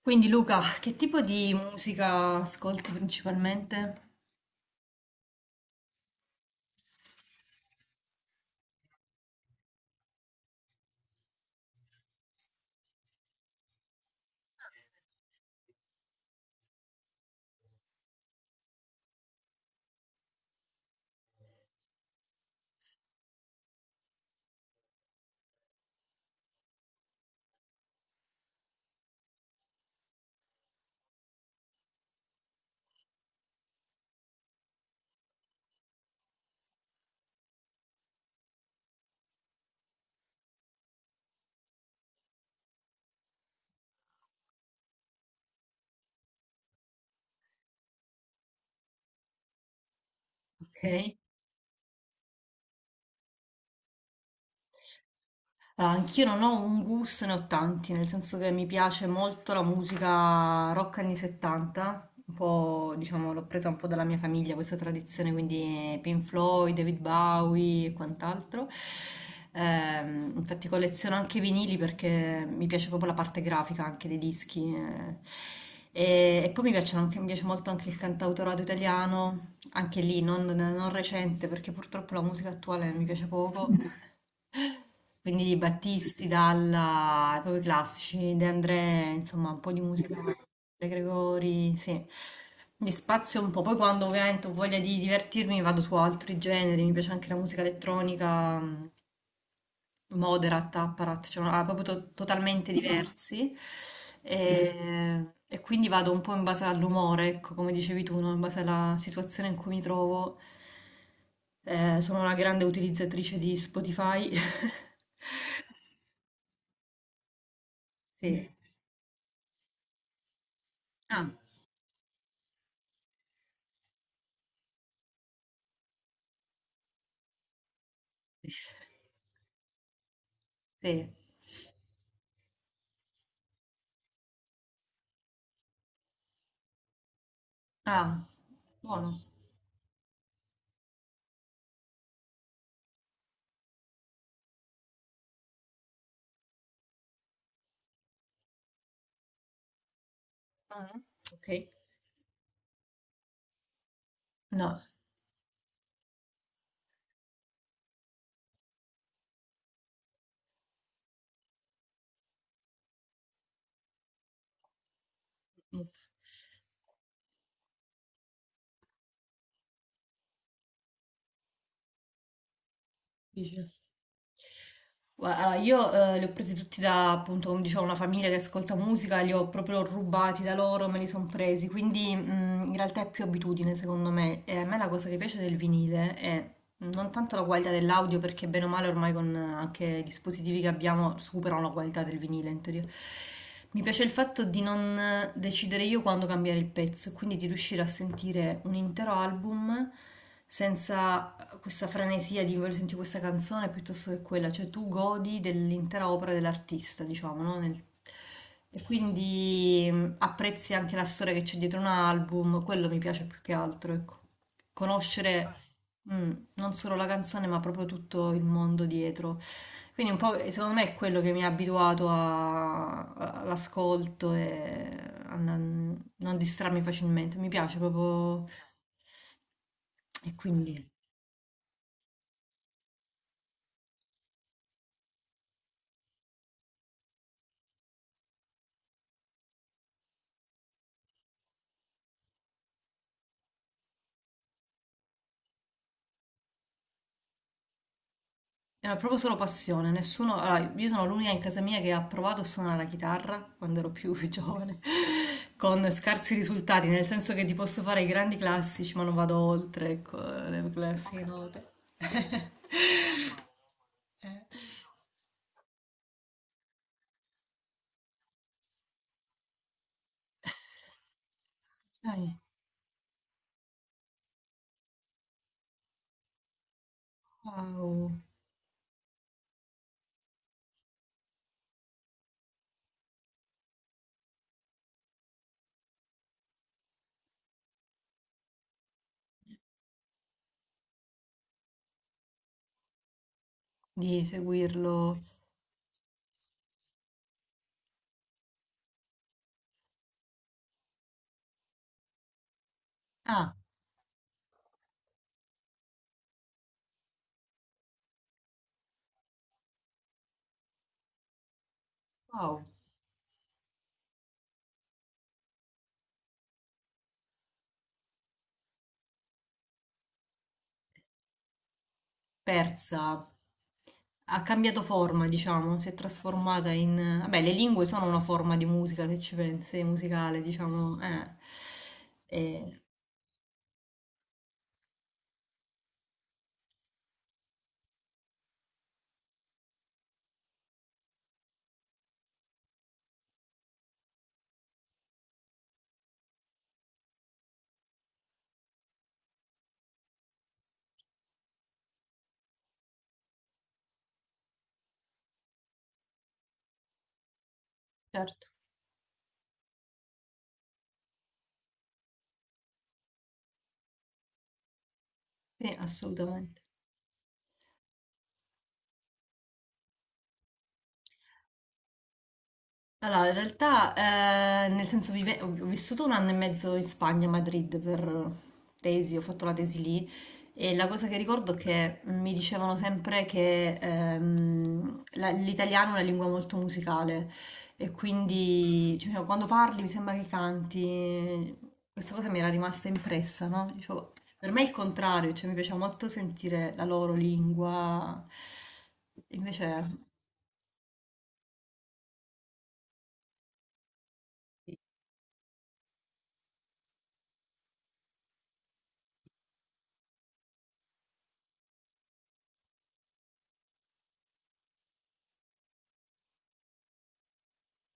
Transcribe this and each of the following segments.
Quindi Luca, che tipo di musica ascolti principalmente? Ok. Allora, anch'io non ho un gusto, ne ho tanti, nel senso che mi piace molto la musica rock anni 70, un po', diciamo, l'ho presa un po' dalla mia famiglia questa tradizione, quindi Pink Floyd, David Bowie e quant'altro. Infatti colleziono anche i vinili perché mi piace proprio la parte grafica anche dei dischi. E poi mi piace molto anche il cantautorato italiano, anche lì non recente perché purtroppo la musica attuale mi piace poco. Quindi Battisti, Dalla, proprio i classici, De André, insomma un po' di musica, De Gregori, sì. Mi spazio un po', poi quando ovviamente ho voglia di divertirmi vado su altri generi, mi piace anche la musica elettronica, Moderat, Apparat, cioè proprio totalmente diversi. E quindi vado un po' in base all'umore, ecco, come dicevi tu, no? In base alla situazione in cui mi trovo. Sono una grande utilizzatrice di Spotify. Sì, ah, sì. Ah, buono. Mh-mh. Okay. No. Mh. Dice. Allora, io li ho presi tutti da, appunto, come dicevo, una famiglia che ascolta musica, li ho proprio rubati da loro, me li sono presi, quindi in realtà è più abitudine secondo me. E a me la cosa che piace del vinile è non tanto la qualità dell'audio, perché bene o male ormai con anche i dispositivi che abbiamo superano la qualità del vinile in teoria. Mi piace il fatto di non decidere io quando cambiare il pezzo, quindi di riuscire a sentire un intero album senza questa frenesia di voglio sentire questa canzone piuttosto che quella, cioè tu godi dell'intera opera dell'artista, diciamo, no? E quindi apprezzi anche la storia che c'è dietro un album, quello mi piace più che altro, ecco. Conoscere mm, non solo la canzone, ma proprio tutto il mondo dietro. Quindi un po', secondo me, è quello che mi ha abituato all'ascolto e a non distrarmi facilmente. Mi piace proprio... E quindi... Era proprio solo passione, nessuno... allora, io sono l'unica in casa mia che ha provato a suonare la chitarra quando ero più giovane, con scarsi risultati, nel senso che ti posso fare i grandi classici, ma non vado oltre, ecco, le classiche note. Eh, dai, wow, di seguirlo. Ah, wow, persa. Ha cambiato forma, diciamo, si è trasformata in... Vabbè, le lingue sono una forma di musica, se ci pensi, musicale, diciamo. E certo, sì, assolutamente. Allora, in realtà, nel senso, ho vissuto un anno e mezzo in Spagna, a Madrid, per tesi, ho fatto la tesi lì e la cosa che ricordo è che mi dicevano sempre che l'italiano è una lingua molto musicale e quindi cioè, no, quando parli mi sembra che canti, questa cosa mi era rimasta impressa, no? Dicevo, per me è il contrario, cioè mi piaceva molto sentire la loro lingua, invece...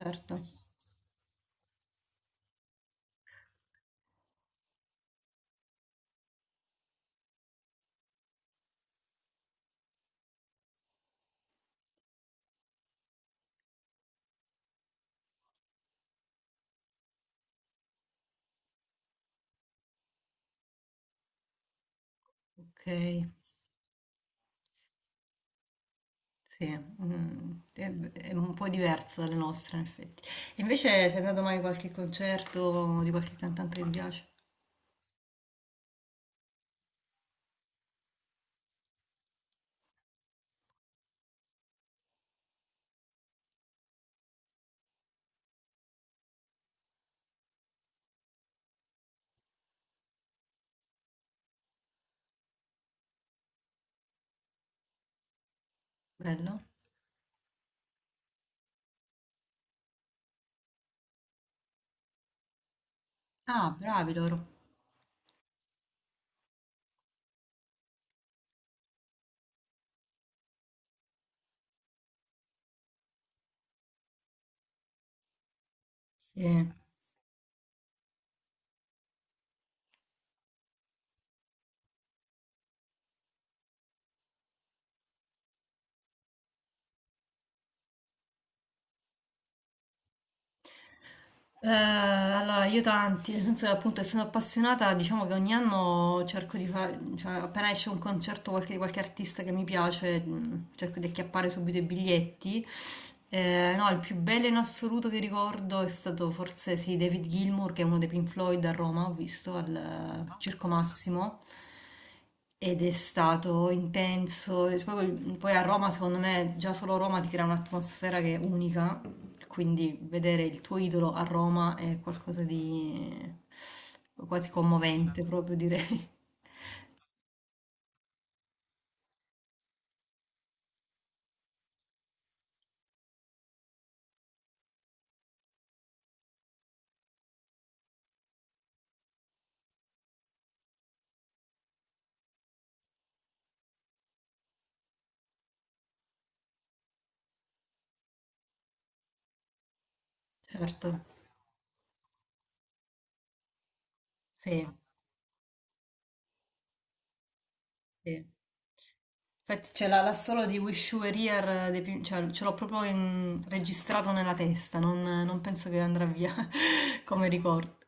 Certo, ok, sì, mm, è un po' diversa dalle nostre in effetti. E invece sei andato mai a qualche concerto di qualche cantante che ti piace? Bello? Ah, bravi loro. Sì. Allora, io tanti, nel senso che appunto essendo appassionata, diciamo che ogni anno cerco di fare, cioè appena esce un concerto di qualche artista che mi piace, mm, cerco di acchiappare subito i biglietti. No, il più bello in assoluto che ricordo è stato forse sì, David Gilmour, che è uno dei Pink Floyd a Roma, ho visto al Circo Massimo ed è stato intenso. E poi, poi a Roma, secondo me, già solo Roma ti crea un'atmosfera che è unica, quindi vedere il tuo idolo a Roma è qualcosa di quasi commovente, proprio direi. Certo, sì, sì. Infatti ce l'ha solo di Wish You Were Here, cioè, ce l'ho proprio registrato nella testa, non penso che andrà via come ricordo.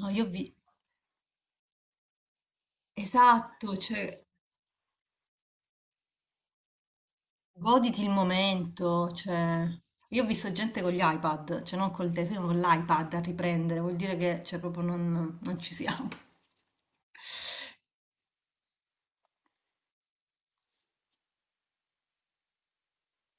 No, io vi... Esatto, cioè, goditi il momento, cioè... Io ho visto gente con gli iPad, cioè non col telefono, con l'iPad a riprendere, vuol dire che cioè, proprio non ci siamo.